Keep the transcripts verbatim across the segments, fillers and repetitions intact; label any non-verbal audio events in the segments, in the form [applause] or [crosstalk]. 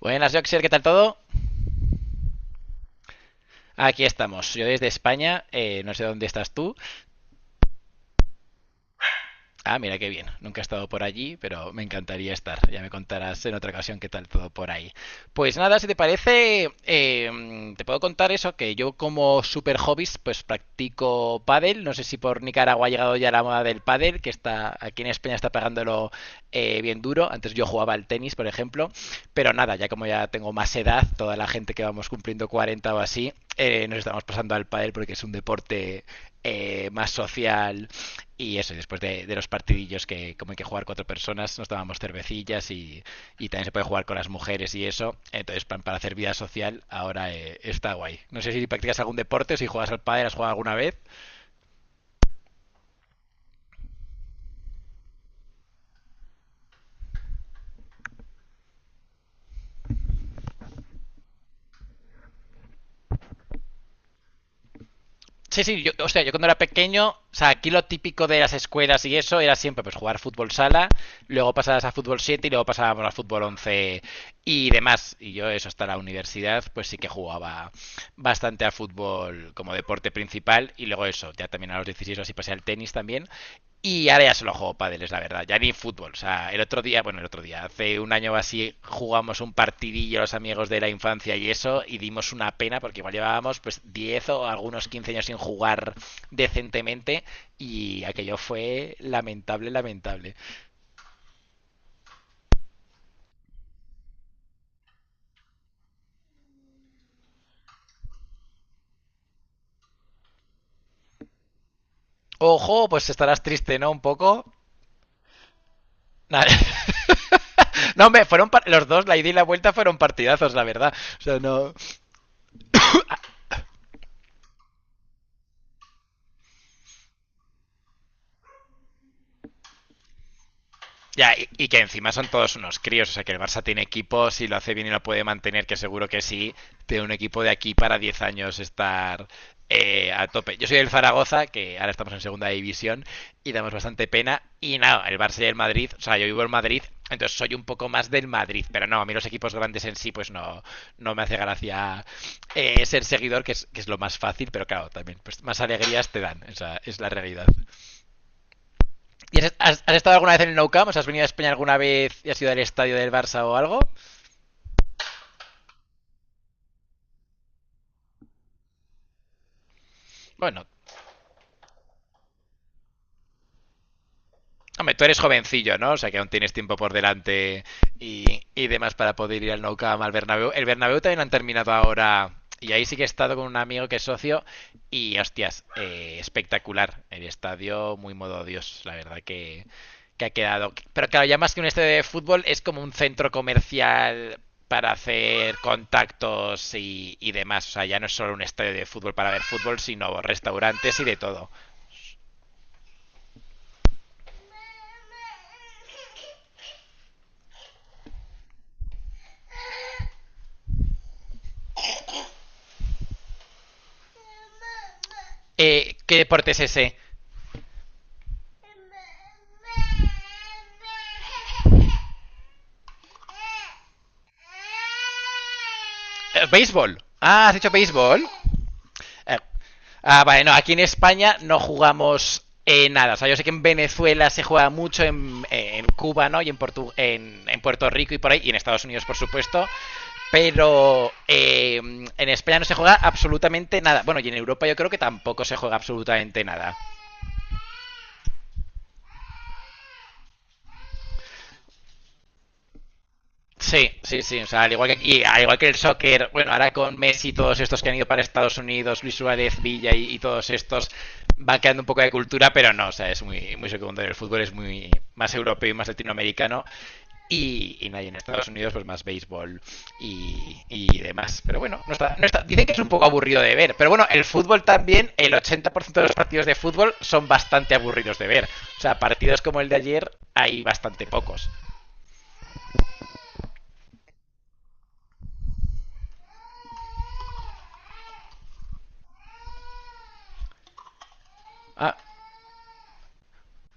Buenas, Joxer, ¿qué tal todo? Aquí estamos, yo desde España, eh, no sé dónde estás tú. Ah, mira qué bien. Nunca he estado por allí, pero me encantaría estar. Ya me contarás en otra ocasión qué tal todo por ahí. Pues nada, si te parece, eh, te puedo contar eso, que yo como super hobbies, pues practico pádel. No sé si por Nicaragua ha llegado ya la moda del pádel, que está aquí en España está pagándolo eh, bien duro. Antes yo jugaba al tenis, por ejemplo. Pero nada, ya como ya tengo más edad, toda la gente que vamos cumpliendo cuarenta o así, eh, nos estamos pasando al pádel porque es un deporte eh, más social. Y eso, después de, de, los partidillos, que como hay que jugar cuatro personas, nos tomábamos cervecillas y, y también se puede jugar con las mujeres y eso. Entonces, para, para hacer vida social, ahora eh, está guay. No sé si practicas algún deporte, si juegas al pádel, has jugado alguna vez. Sí, sí, yo, o sea, yo cuando era pequeño, o sea, aquí lo típico de las escuelas y eso era siempre pues jugar fútbol sala, luego pasabas a fútbol siete y luego pasábamos a fútbol once y demás. Y yo eso hasta la universidad, pues sí que jugaba bastante a fútbol como deporte principal y luego eso, ya también a los dieciséis o así pasé al tenis también, y ahora ya solo juego pádel, es la verdad. Ya ni fútbol. O sea, el otro día, bueno, el otro día, hace un año o así, jugamos un partidillo los amigos de la infancia y eso, y dimos una pena porque igual llevábamos pues diez o algunos quince años sin jugar decentemente y aquello fue lamentable, lamentable. Ojo, pues estarás triste, ¿no? Un poco. [laughs] No, me fueron par- los dos, la ida y la vuelta fueron partidazos, la verdad. O sea, no. Ya, y, y que encima son todos unos críos, o sea que el Barça tiene equipo. Si lo hace bien y lo puede mantener, que seguro que sí, tiene un equipo de aquí para diez años estar eh, a tope. Yo soy el Zaragoza, que ahora estamos en segunda división y damos bastante pena, y nada, el Barça y el Madrid, o sea, yo vivo en Madrid, entonces soy un poco más del Madrid, pero no, a mí los equipos grandes en sí, pues no, no me hace gracia eh, ser seguidor, que es, que es lo más fácil, pero claro, también, pues más alegrías te dan, esa es la realidad. ¿Y has, has, has, estado alguna vez en el Nou Camp? ¿Has venido a España alguna vez y has ido al estadio del Barça o algo? Bueno, hombre, tú eres jovencillo, ¿no? O sea que aún tienes tiempo por delante y, y demás para poder ir al Nou Camp, al Bernabéu. El Bernabéu también lo han terminado ahora y ahí sí que he estado con un amigo que es socio y, hostias, eh, espectacular. El estadio muy modo Dios, la verdad que, que ha quedado. Pero claro, ya más que un estadio de fútbol es como un centro comercial para hacer contactos y, y demás. O sea, ya no es solo un estadio de fútbol para ver fútbol, sino restaurantes y de todo. Eh, ¿Qué deporte es ese? Eh, béisbol. Ah, has dicho béisbol. Eh, ah, vale, no, aquí en España no jugamos eh, nada. O sea, yo sé que en Venezuela se juega mucho, en, en, Cuba, ¿no? Y en, Portu- en, en Puerto Rico y por ahí, y en Estados Unidos, por supuesto. Pero eh, en España no se juega absolutamente nada. Bueno, y en Europa yo creo que tampoco se juega absolutamente nada. Sí, sí, sí. O sea, al igual que aquí, al igual que el soccer, bueno, ahora con Messi y todos estos que han ido para Estados Unidos, Luis Suárez, Villa y, y todos estos, van quedando un poco de cultura, pero no, o sea, es muy, muy secundario. El fútbol es muy más europeo y más latinoamericano. Y, y nadie en Estados Unidos, pues más béisbol y, y demás. Pero bueno, no está, no está- dicen que es un poco aburrido de ver. Pero bueno, el fútbol también, el ochenta por ciento de los partidos de fútbol son bastante aburridos de ver. O sea, partidos como el de ayer hay bastante pocos. Ah,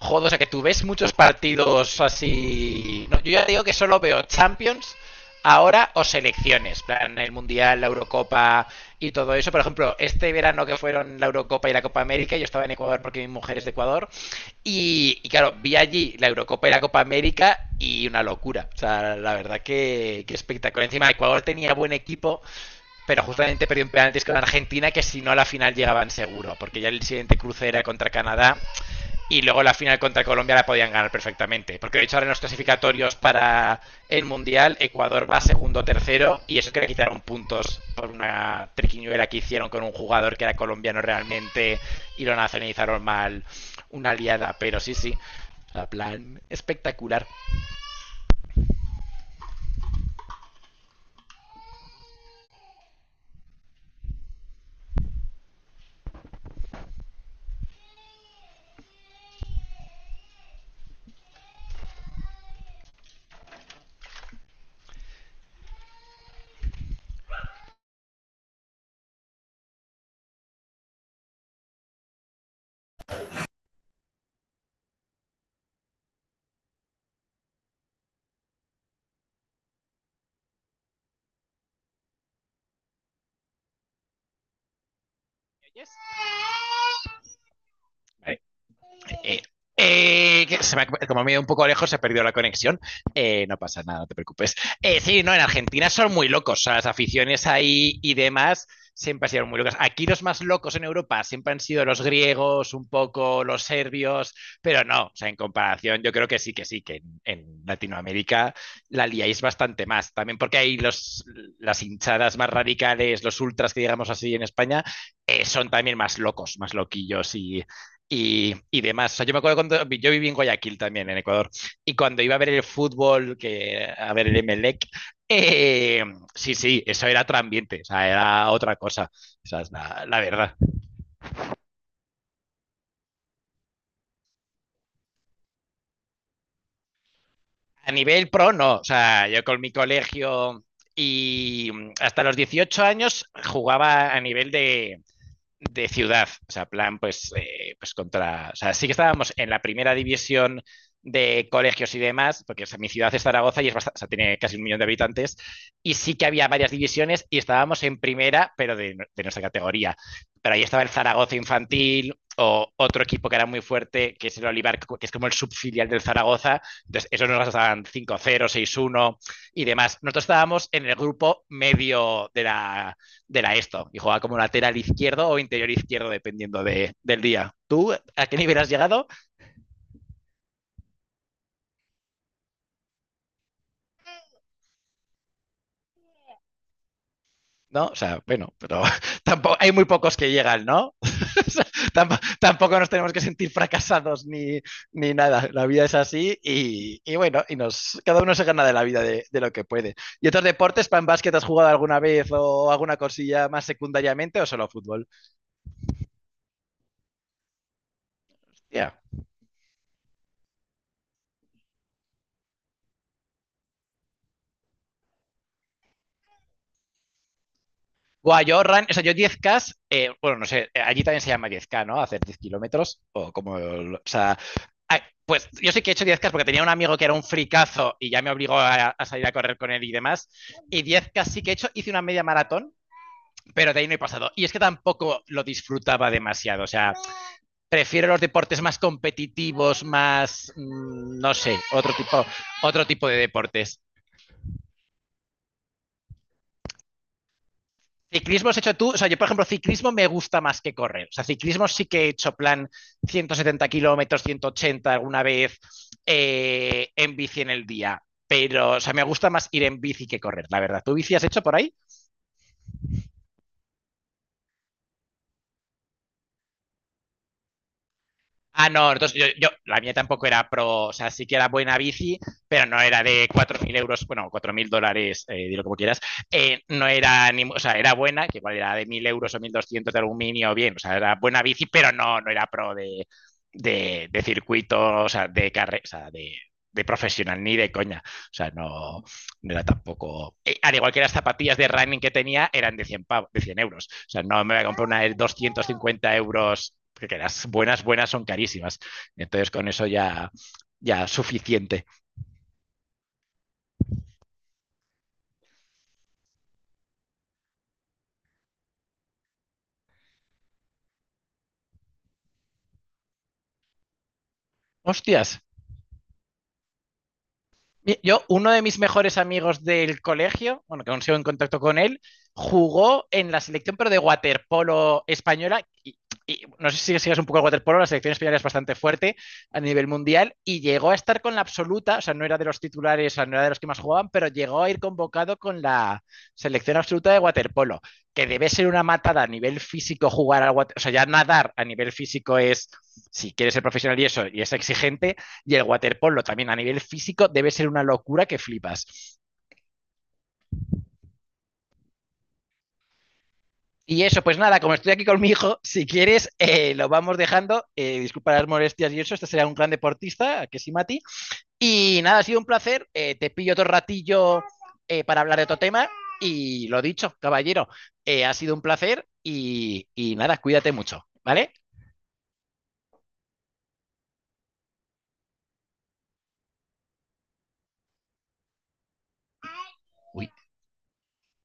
Joder, o sea que tú ves muchos partidos así. No, yo ya digo que solo veo Champions ahora o selecciones, plan el Mundial, la Eurocopa y todo eso. Por ejemplo, este verano que fueron la Eurocopa y la Copa América, yo estaba en Ecuador porque mi mujer es de Ecuador y, y claro, vi allí la Eurocopa y la Copa América y una locura. O sea, la verdad que, que espectacular. Encima, Ecuador tenía buen equipo, pero justamente perdió en penaltis con Argentina, que si no a la final llegaban seguro, porque ya el siguiente cruce era contra Canadá y luego la final contra Colombia la podían ganar perfectamente. Porque de hecho ahora en los clasificatorios para el Mundial, Ecuador va segundo tercero y eso que le quitaron puntos por una triquiñuela que hicieron con un jugador que era colombiano realmente y lo nacionalizaron mal. Una liada, pero sí, sí. La plan espectacular. Eh, eh, que se me ha- como me he ido un poco lejos, se ha perdido la conexión. Eh, no pasa nada, no te preocupes. Eh, sí, no, en Argentina son muy locos. O sea, las aficiones ahí y demás siempre han sido muy locas. Aquí los más locos en Europa siempre han sido los griegos, un poco los serbios, pero no, o sea, en comparación, yo creo que sí, que sí, que en, en Latinoamérica la liáis bastante más. También porque hay los, las hinchadas más radicales, los ultras que digamos así en España, eh, son también más locos, más loquillos y y, y demás. O sea, yo me acuerdo cuando yo viví en Guayaquil también, en Ecuador, y cuando iba a ver el fútbol, que, a ver el Emelec, eh, sí, sí, eso era otro ambiente, o sea, era otra cosa, o sea, es la, la verdad. A nivel pro, no, o sea, yo con mi colegio y mm, hasta los dieciocho años jugaba a nivel de, de ciudad, o sea, plan, pues, eh, pues contra, o sea, sí que estábamos en la primera división de colegios y demás, porque, o sea, mi ciudad es Zaragoza y es bastante, o sea, tiene casi un millón de habitantes, y sí que había varias divisiones y estábamos en primera, pero de, de nuestra categoría. Pero ahí estaba el Zaragoza Infantil o otro equipo que era muy fuerte, que es el Olivar, que es como el subfilial del Zaragoza. Entonces, esos nos estaban cinco cero seis uno y demás. Nosotros estábamos en el grupo medio de la de la esto y juega como lateral izquierdo o interior izquierdo dependiendo de, del día. ¿Tú a qué nivel has llegado? No, o sea, bueno, pero [laughs] tampoco, hay muy pocos que llegan, ¿no? [laughs] O tampoco, tampoco, nos tenemos que sentir fracasados ni, ni nada. La vida es así y, y, bueno, y nos, cada uno se gana de la vida de, de lo que puede. ¿Y otros deportes, pan básquet, has jugado alguna vez o alguna cosilla más secundariamente o solo fútbol? Ya. Yeah. Guau, yo run, o sea, yo diez k eh, bueno, no sé, eh, allí también se llama diez k, ¿no? Hacer diez kilómetros, o como, o sea, ah, pues yo sí que he hecho diez k porque tenía un amigo que era un fricazo y ya me obligó a, a salir a correr con él y demás, y diez k sí que he hecho, hice una media maratón, pero de ahí no he pasado, y es que tampoco lo disfrutaba demasiado, o sea, prefiero los deportes más competitivos, más, mm, no sé, otro tipo, otro tipo de deportes. Ciclismo has hecho tú, o sea, yo por ejemplo, ciclismo me gusta más que correr. O sea, ciclismo sí que he hecho plan ciento setenta kilómetros, ciento ochenta alguna vez eh, en bici en el día. Pero, o sea, me gusta más ir en bici que correr, la verdad. ¿Tú bici has hecho por ahí? Ah, no, entonces yo, yo- la mía tampoco era pro, o sea, sí que era buena bici, pero no era de cuatro mil euros, bueno, cuatro mil dólares, eh, dilo como quieras, eh, no era, ni, o sea, era buena, que igual era de mil euros o mil doscientos, de aluminio, bien, o sea, era buena bici, pero no, no era pro de, de, de circuito, o sea, de carrera, o sea, de, de profesional, ni de coña, o sea, no, no era tampoco. Eh, Al igual que las zapatillas de running que tenía eran de cien pav- de cien euros. O sea, no me voy a comprar una de doscientos cincuenta euros, porque las buenas, buenas son carísimas. Entonces, con eso ya, ya suficiente. Hostias, yo, uno de mis mejores amigos del colegio, bueno, que aún sigo en contacto con él, jugó en la selección, pero de waterpolo española. Y, y no sé si sigues un poco el waterpolo, la selección española es bastante fuerte a nivel mundial y llegó a estar con la absoluta, o sea, no era de los titulares, o sea, no era de los que más jugaban, pero llegó a ir convocado con la selección absoluta de waterpolo, que debe ser una matada a nivel físico jugar al waterpolo, o sea, ya nadar a nivel físico es, si quieres ser profesional y eso, y es exigente, y el waterpolo también a nivel físico debe ser una locura, que flipas. Y eso, pues nada, como estoy aquí con mi hijo, si quieres, eh, lo vamos dejando. Eh, disculpa las molestias y eso, este será un gran deportista, que sí, Mati. Y nada, ha sido un placer. Eh, te pillo otro ratillo eh, para hablar de otro tema. Y lo dicho, caballero, eh, ha sido un placer y, y nada, cuídate mucho, ¿vale? Uy.